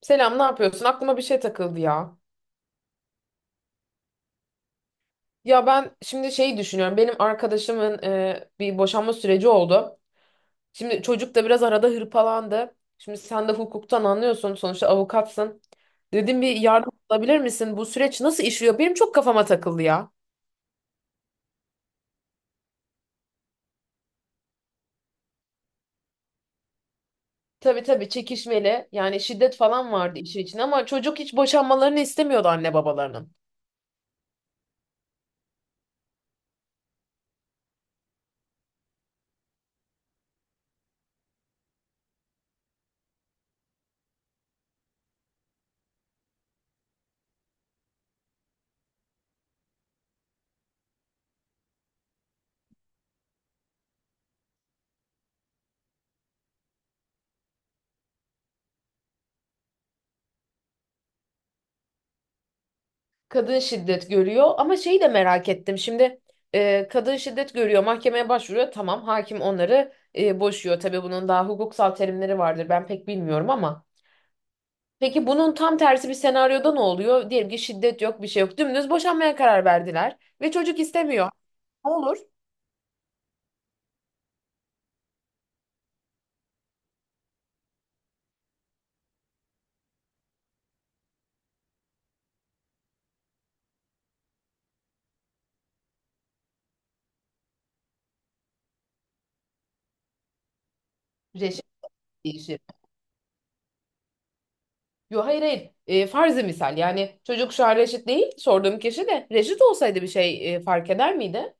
Selam, ne yapıyorsun? Aklıma bir şey takıldı ya. Ya ben şimdi şeyi düşünüyorum. Benim arkadaşımın bir boşanma süreci oldu. Şimdi çocuk da biraz arada hırpalandı. Şimdi sen de hukuktan anlıyorsun. Sonuçta avukatsın. Dedim bir yardım alabilir misin? Bu süreç nasıl işliyor? Benim çok kafama takıldı ya. Tabii tabii, çekişmeli. Yani şiddet falan vardı işin içinde ama çocuk hiç boşanmalarını istemiyordu anne babalarının. Kadın şiddet görüyor ama şeyi de merak ettim. Şimdi kadın şiddet görüyor, mahkemeye başvuruyor. Tamam, hakim onları boşuyor. Tabii bunun daha hukuksal terimleri vardır. Ben pek bilmiyorum ama. Peki bunun tam tersi bir senaryoda ne oluyor? Diyelim ki şiddet yok, bir şey yok. Dümdüz boşanmaya karar verdiler ve çocuk istemiyor. Ne olur? Reşit değişir. Yo, hayır hayır. E, farzı misal. Yani çocuk şu an reşit değil. Sorduğum kişi de reşit olsaydı bir şey fark eder miydi?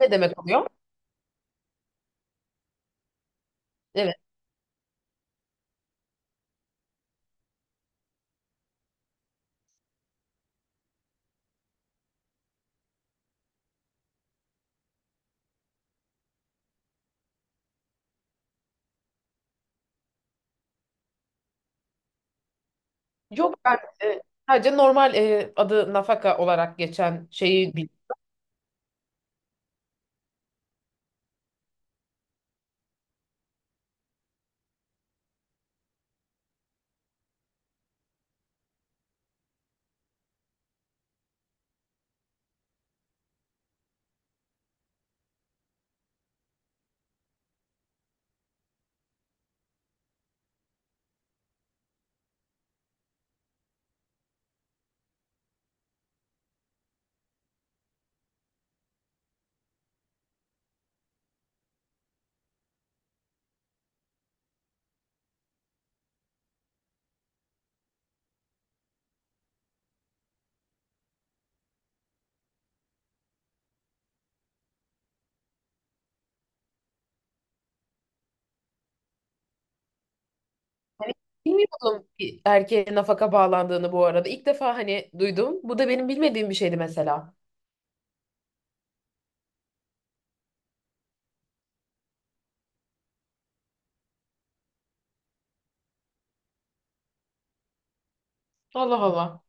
Ne demek oluyor? Evet. Yok, ben e, sadece normal adı nafaka olarak geçen şeyi Hani bilmiyordum ki erkeğe nafaka bağlandığını bu arada. İlk defa hani duydum. Bu da benim bilmediğim bir şeydi mesela. Allah Allah.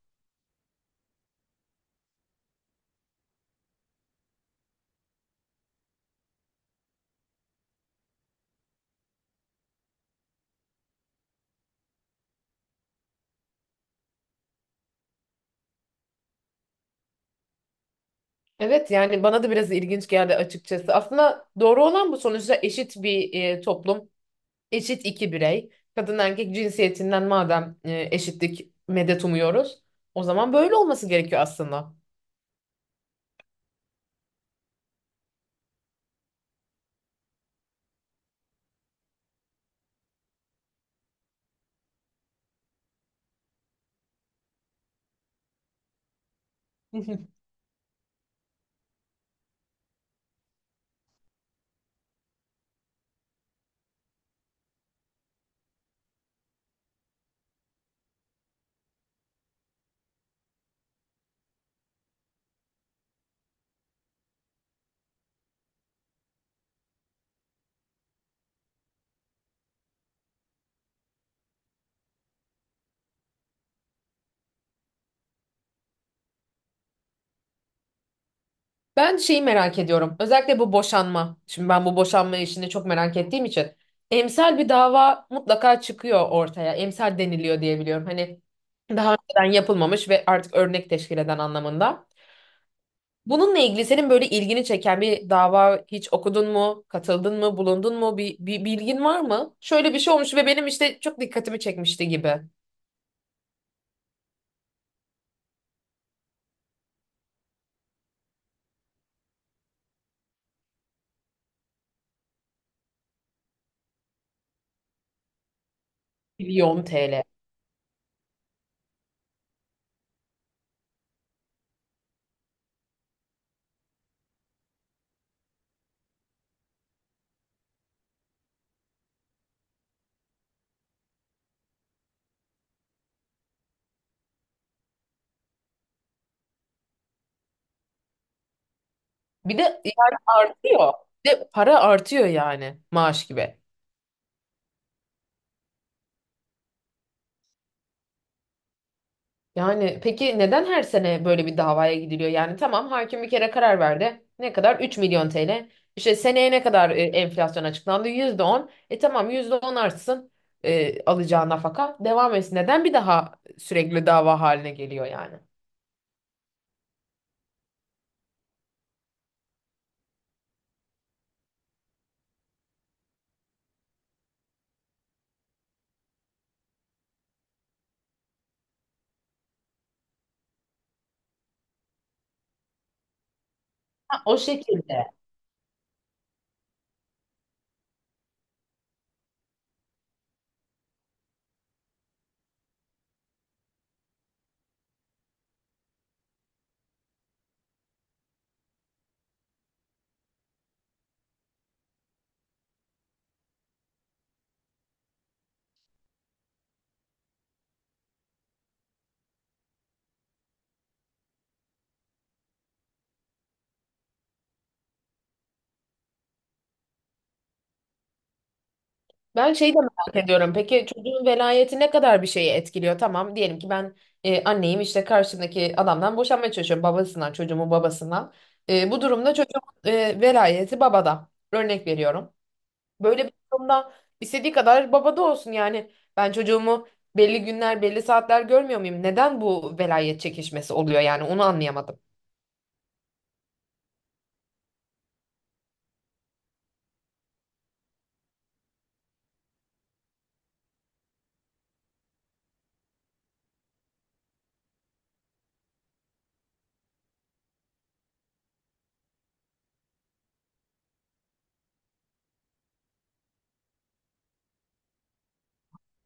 Evet, yani bana da biraz ilginç geldi açıkçası. Aslında doğru olan bu, sonuçta eşit bir toplum. Eşit iki birey. Kadın erkek cinsiyetinden madem eşitlik medet umuyoruz, o zaman böyle olması gerekiyor aslında. Ben şeyi merak ediyorum. Özellikle bu boşanma. Şimdi ben bu boşanma işini çok merak ettiğim için. Emsal bir dava mutlaka çıkıyor ortaya. Emsal deniliyor diye biliyorum. Hani daha önceden yapılmamış ve artık örnek teşkil eden anlamında. Bununla ilgili senin böyle ilgini çeken bir dava hiç okudun mu? Katıldın mı? Bulundun mu? Bir bilgin var mı? Şöyle bir şey olmuş ve benim işte çok dikkatimi çekmişti gibi. Milyon TL. Bir de yani artıyor. Bir de para artıyor, yani maaş gibi. Yani peki neden her sene böyle bir davaya gidiliyor? Yani tamam, hakim bir kere karar verdi. Ne kadar? 3.000.000 TL. İşte seneye ne kadar enflasyon açıklandı? %10. E tamam, %10 artsın alacağı nafaka. Devam etsin. Neden bir daha sürekli dava haline geliyor yani? O şekilde. Ben şeyi de merak ediyorum. Peki çocuğun velayeti ne kadar bir şeyi etkiliyor? Tamam, diyelim ki ben anneyim, işte karşımdaki adamdan boşanmaya çalışıyorum. Babasından, çocuğumun babasından. E, bu durumda çocuğun velayeti babada. Örnek veriyorum. Böyle bir durumda istediği kadar baba da olsun yani. Ben çocuğumu belli günler, belli saatler görmüyor muyum? Neden bu velayet çekişmesi oluyor, yani onu anlayamadım.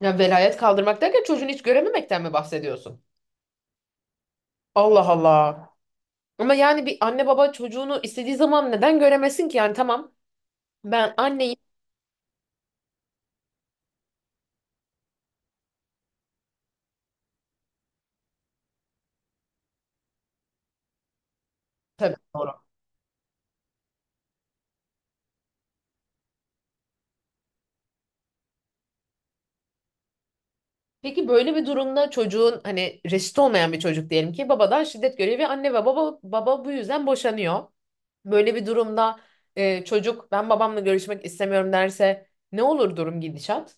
Ya, velayet kaldırmak derken çocuğunu hiç görememekten mi bahsediyorsun? Allah Allah. Ama yani bir anne baba çocuğunu istediği zaman neden göremesin ki? Yani tamam, ben anneyim, tabii doğru. Peki böyle bir durumda çocuğun, hani reşit olmayan bir çocuk diyelim ki babadan şiddet görüyor ve anne ve baba bu yüzden boşanıyor. Böyle bir durumda çocuk ben babamla görüşmek istemiyorum derse ne olur, durum gidişat?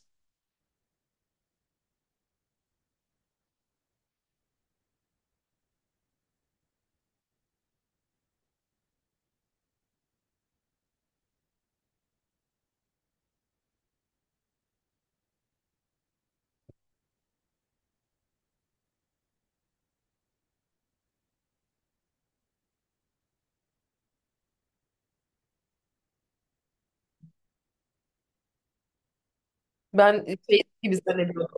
Ben şey gibi zannediyorum.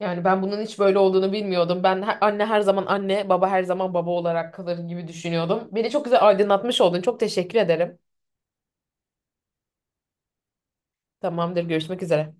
Yani ben bunun hiç böyle olduğunu bilmiyordum. Ben anne her zaman anne, baba her zaman baba olarak kalır gibi düşünüyordum. Beni çok güzel aydınlatmış oldun. Çok teşekkür ederim. Tamamdır, görüşmek üzere.